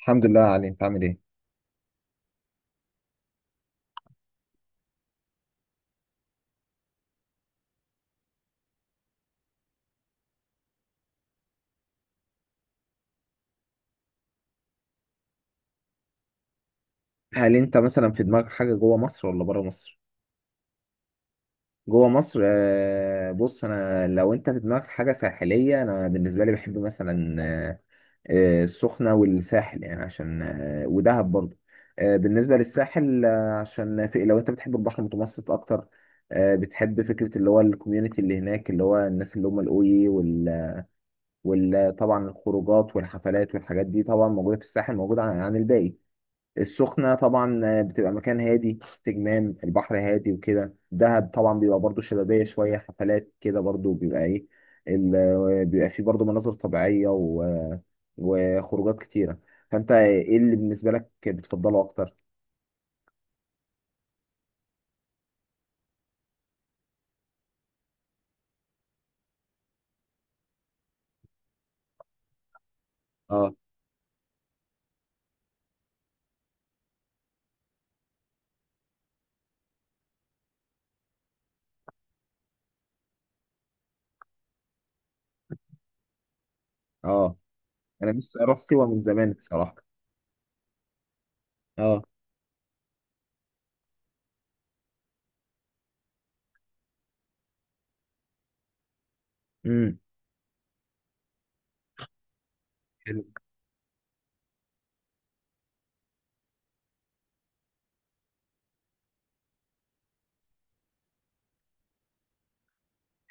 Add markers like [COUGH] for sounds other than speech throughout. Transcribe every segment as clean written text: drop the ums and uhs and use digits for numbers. الحمد لله علي. انت عامل ايه؟ هل انت مثلا في دماغك حاجه جوه مصر ولا بره مصر؟ جوه مصر. بص، انا لو انت في دماغك حاجه ساحليه، انا بالنسبه لي بحب مثلا، السخنه والساحل، يعني عشان ودهب برضه. بالنسبه للساحل عشان في، لو انت بتحب البحر المتوسط اكتر، بتحب فكره اللي هو الكوميونتي اللي هناك، اللي هو الناس اللي هم الاوي، طبعا الخروجات والحفلات والحاجات دي طبعا موجوده في الساحل، موجوده عن الباقي. السخنة طبعا بتبقى مكان هادي، استجمام، البحر هادي وكده. دهب طبعا بيبقى برضو شبابية، شوية حفلات كده، برضو بيبقى ايه، بيبقى فيه برضو مناظر طبيعية وخروجات كتيرة. فانت ايه اللي بالنسبة لك بتفضله اكتر؟ اه، اه، انا نفسي اروح سيوة من زمان الصراحة. اه. امم. حلو.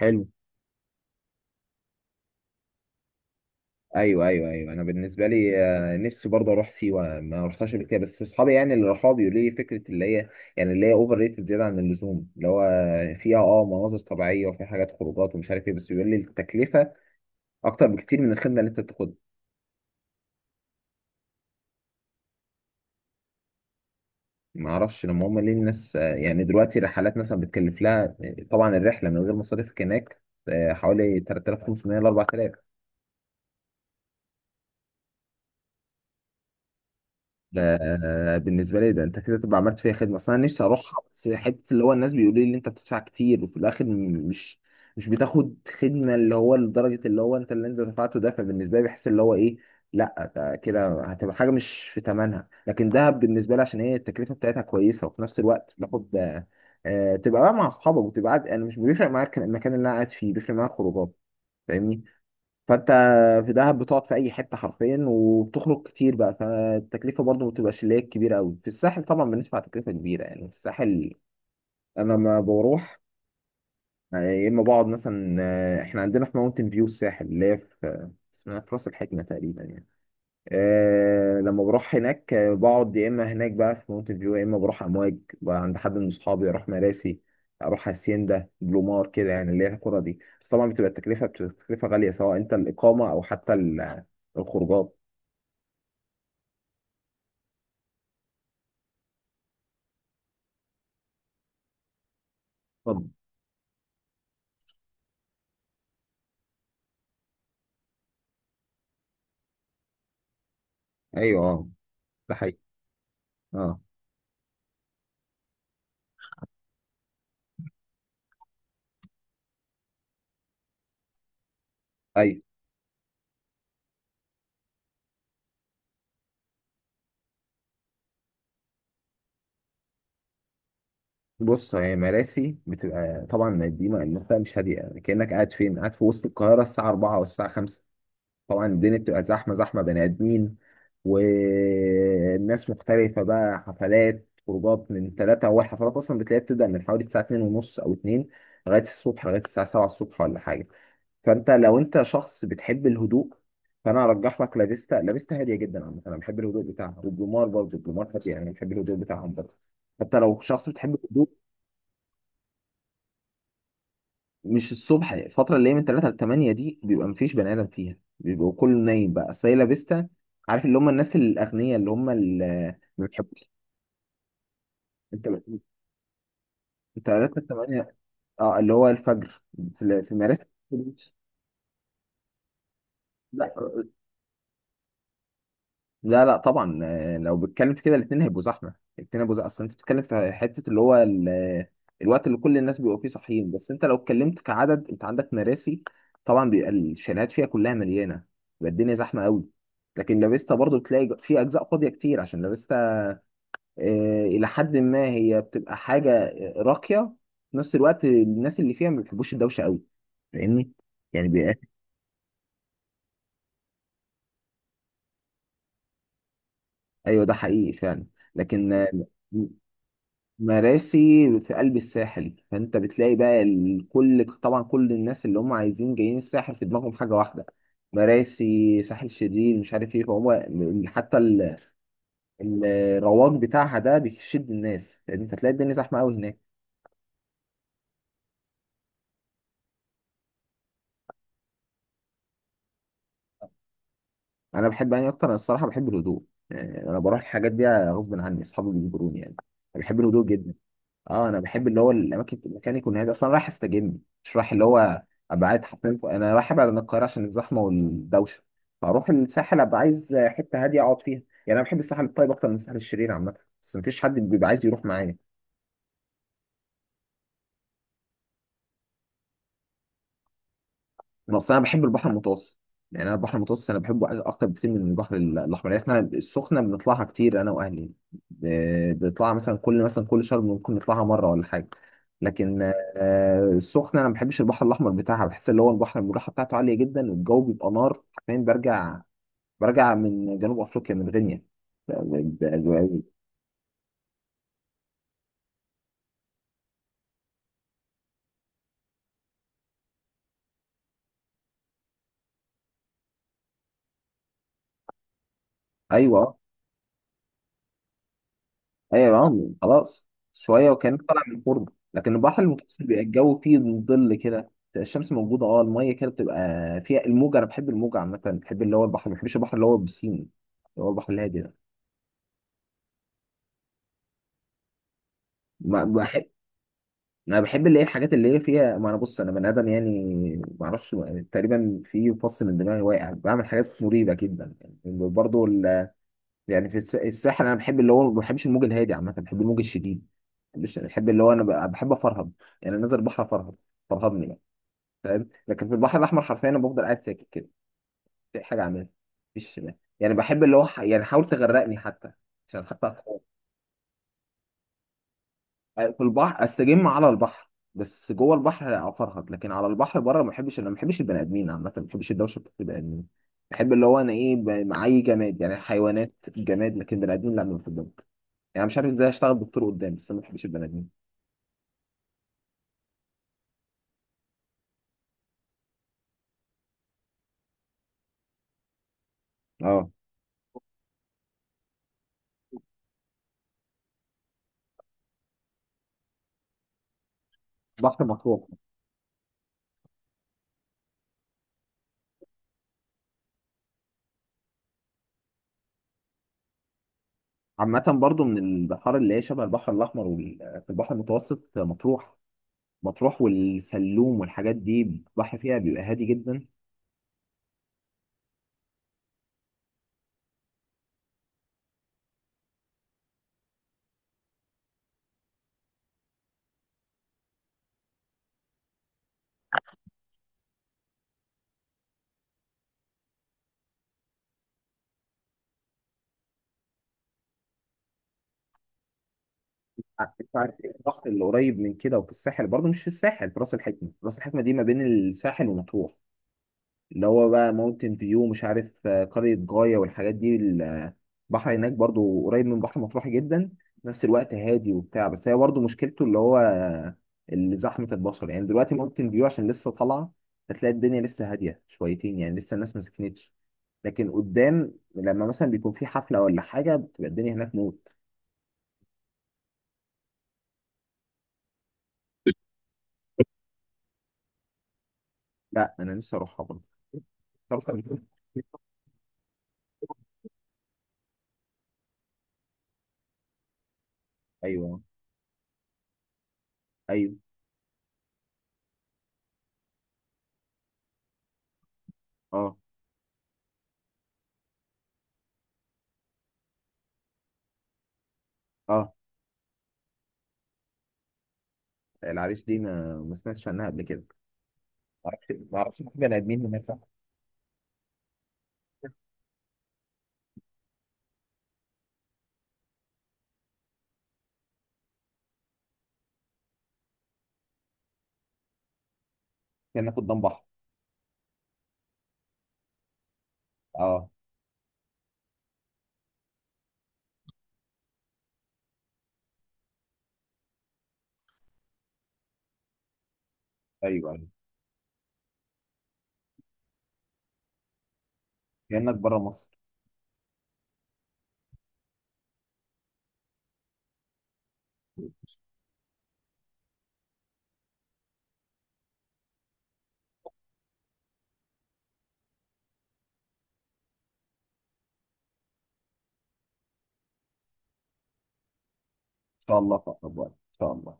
حلو. ايوه، ايوه، ايوه، انا بالنسبه لي، نفسي برضه اروح سيوه، ما رحتهاش قبل كده. بس اصحابي يعني اللي راحوا بيقولوا لي فكره اللي هي، يعني اللي هي اوفر ريتد، زياده عن اللزوم، اللي هو فيها اه مناظر طبيعيه وفي حاجات خروجات ومش عارف ايه، بس بيقول لي التكلفه اكتر بكتير من الخدمه اللي انت بتاخدها. ما اعرفش، لما هم ليه الناس يعني دلوقتي رحلات مثلا بتكلف لها طبعا الرحله من غير مصاريفك هناك حوالي 3500 ل 4000. ده بالنسبه لي، ده انت كده تبقى عملت فيها خدمه، اصل انا نفسي اروحها، بس حته اللي هو الناس بيقولوا لي ان انت بتدفع كتير وفي الاخر مش بتاخد خدمه اللي هو، لدرجه اللي هو انت اللي انت دفعته ده، فبالنسبه لي بحس اللي هو ايه. لا، ده كده هتبقى حاجه مش في ثمنها. لكن دهب بالنسبه لي عشان هي التكلفه بتاعتها كويسه، وفي نفس الوقت بتاخد تبقى بقى مع اصحابك وتبقى قاعد. انا مش بيفرق معاك المكان اللي انا قاعد فيه، بيفرق معايا الخروجات. فاهمني. فانت، في دهب بتقعد في اي حته حرفيا وبتخرج كتير بقى، فالتكلفه برضو ما بتبقاش اللي هي كبيره قوي. في الساحل طبعا بندفع تكلفه كبيره، يعني في الساحل انا لما بروح، يا اما بقعد مثلا، احنا عندنا في ماونتن فيو الساحل اللي هي في، اسمها في راس الحكمه تقريبا يعني. لما بروح هناك بقعد يا اما هناك بقى في مونتن فيو، يا اما بروح امواج بقى عند حد من اصحابي، اروح مراسي، اروح هاسيندا، بلومار كده، يعني اللي هي القرى دي. بس طبعا بتبقى التكلفه غاليه، سواء انت الاقامه او حتى الخروجات. طب. ايوه. اه. ده حقيقي. اه. ايوه. بص، هي مراسي بتبقى طبعا دي منطقه مش هاديه، يعني كانك قاعد فين، قاعد في وسط القاهره الساعه 4 والساعه 5. طبعا الدنيا بتبقى زحمه زحمه، بني ادمين، والناس مختلفه بقى، حفلات، خروجات، من ثلاثة. أول حفلات أصلا بتلاقيها بتبدأ من حوالي الساعة 2:30 أو 2 لغاية الصبح، لغاية الساعة 7 الصبح ولا حاجة. فأنت لو أنت شخص بتحب الهدوء، فأنا أرجح لك لافيستا. لافيستا هادية جدا عامة، أنا بحب الهدوء بتاعها. والبلومار برضه، البلومار هادية، أنا بحب الهدوء بتاعهم برضه. حتى لو شخص بتحب الهدوء. مش الصبح، الفترة اللي هي من 3 ل 8 دي بيبقى مفيش بني آدم فيها، بيبقى كله نايم بقى سايلا فيستا. عارف اللي هم الناس الأغنياء، اللي هم اللي ما بيحبوش. انت. 3 ل 8. اه، اللي هو الفجر. في مدارس. لا. لا. لا، طبعا. لو بتتكلم في كده الاثنين هيبقوا زحمه، الاثنين هيبقوا زحمه، اصل انت بتتكلم في حته اللي هو الوقت اللي كل الناس بيبقوا فيه صاحيين. بس انت لو اتكلمت كعدد، انت عندك مراسي، طبعا بيبقى الشاليهات فيها كلها مليانه، بيبقى الدنيا زحمه قوي. لكن لافيستا برضو بتلاقي في اجزاء فاضيه كتير، عشان لافيستا الى حد ما هي بتبقى حاجه راقيه، في نفس الوقت الناس اللي فيها ما بيحبوش الدوشه قوي. فاهمني؟ يعني بيبقى، ايوه، ده حقيقي فعلا. لكن مراسي في قلب الساحل، فانت بتلاقي بقى كل، طبعا كل الناس اللي هم عايزين جايين الساحل في دماغهم حاجه واحده، مراسي، ساحل شرير، مش عارف ايه. فهو حتى الرواج بتاعها ده بيشد الناس، لان انت تلاقي الدنيا زحمه قوي هناك. انا بحب اني اكتر؟ انا الصراحه بحب الهدوء. يعني انا بروح الحاجات دي غصب عني، اصحابي بيجبروني يعني. أنا بحب الهدوء جدا. اه، انا بحب اللي هو الاماكن، المكان يكون هادي، اصلا رايح استجم، مش رايح اللي هو ابقى قاعد حرفيا انا رايح ابعد عن القاهره عشان الزحمه والدوشه، فاروح الساحل ابقى عايز حته هاديه اقعد فيها. يعني انا بحب الساحل الطيب اكتر من الساحل الشرير عامه، بس مفيش حد بيبقى عايز يروح معايا. بس انا أصلا بحب البحر المتوسط. يعني انا البحر المتوسط انا بحبه، عايز اكتر بكتير من البحر الاحمر. يعني احنا السخنه بنطلعها كتير انا واهلي، بنطلعها مثلا كل شهر، ممكن نطلعها مره ولا حاجه. لكن السخنه انا ما بحبش البحر الاحمر بتاعها، بحس اللي هو البحر الملاحه بتاعته عاليه جدا، والجو بيبقى نار حرفيا. برجع من جنوب افريقيا، من غينيا. ب- ب- ب- ايوه، ايوه يا عم، خلاص، شويه وكانك طالع من الفرن. لكن البحر المتوسط بيبقى الجو فيه ظل كده، بتبقى الشمس موجوده، اه، الميه كده بتبقى فيها الموج. انا بحب الموج عامه، بحب اللي هو البحر، ما بحبش البحر اللي هو البسين، اللي هو البحر الهادي ده. ما بحب. انا بحب اللي هي الحاجات اللي هي فيها ما، انا بص، انا بني ادم يعني، ما اعرفش، تقريبا في فص من دماغي واقع بعمل حاجات مريبه جدا يعني، برضه. يعني في الساحل انا بحب اللي هو، ما بحبش الموج الهادي عامه، بحب الموج الشديد، مش بحب اللي هو، انا بحب افرهد، يعني نازل البحر افرهد. فرهدني بقى، فاهم؟ لكن في البحر الاحمر حرفيا انا بفضل قاعد ساكت كده، مفيش حاجه اعملها، مفيش. يعني بحب اللي هو يعني حاول تغرقني حتى، عشان حتى، في البحر استجم على البحر. بس جوه البحر افرهد، لكن على البحر بره ما بحبش. انا ما بحبش البني ادمين عامه، ما بحبش الدوشه بتاعت البني ادمين، بحب اللي هو انا ايه معايا جماد، يعني حيوانات، جماد، لكن بني ادمين لا، ما بحبهم. يعني مش عارف ازاي اشتغل دكتور قدام، بس أنا ما بحبش البني ادمين. اه. بحر مطروح. عامة برضو من البحار اللي هي شبه البحر الأحمر في البحر المتوسط مطروح. مطروح والسلوم والحاجات دي البحر فيها بيبقى هادي جدا. انت عارف إيه البحر اللي قريب من كده، وفي الساحل برضو، مش في الساحل، في راس الحكمة. راس الحكمة دي ما بين الساحل ومطروح، اللي هو بقى ماونتن فيو، مش عارف قرية جاية والحاجات دي، البحر هناك برضو قريب من بحر مطروح جدا، في نفس الوقت هادي وبتاع. بس هي برضو مشكلته اللي هو اللي زحمة البشر، يعني دلوقتي ماونتن فيو عشان لسه طالعة، هتلاقي الدنيا لسه هادية شويتين، يعني لسه الناس ما سكنتش. لكن قدام لما مثلا بيكون في حفلة ولا حاجة بتبقى الدنيا هناك موت. لا، أنا نفسي أروحها برضه. تعرف قبل كده؟ [LAUGHS] أيوه. أيوه. أه. أه. العريش دي ما سمعتش عنها قبل كده. ما اعرفش، ما اعرفش في بني ادمين هناك. كأنك قدام بحر. اه، ايوه، ايوه، كأنك بره مصر. ان شاء الله، في اقرب وقت ان شاء الله.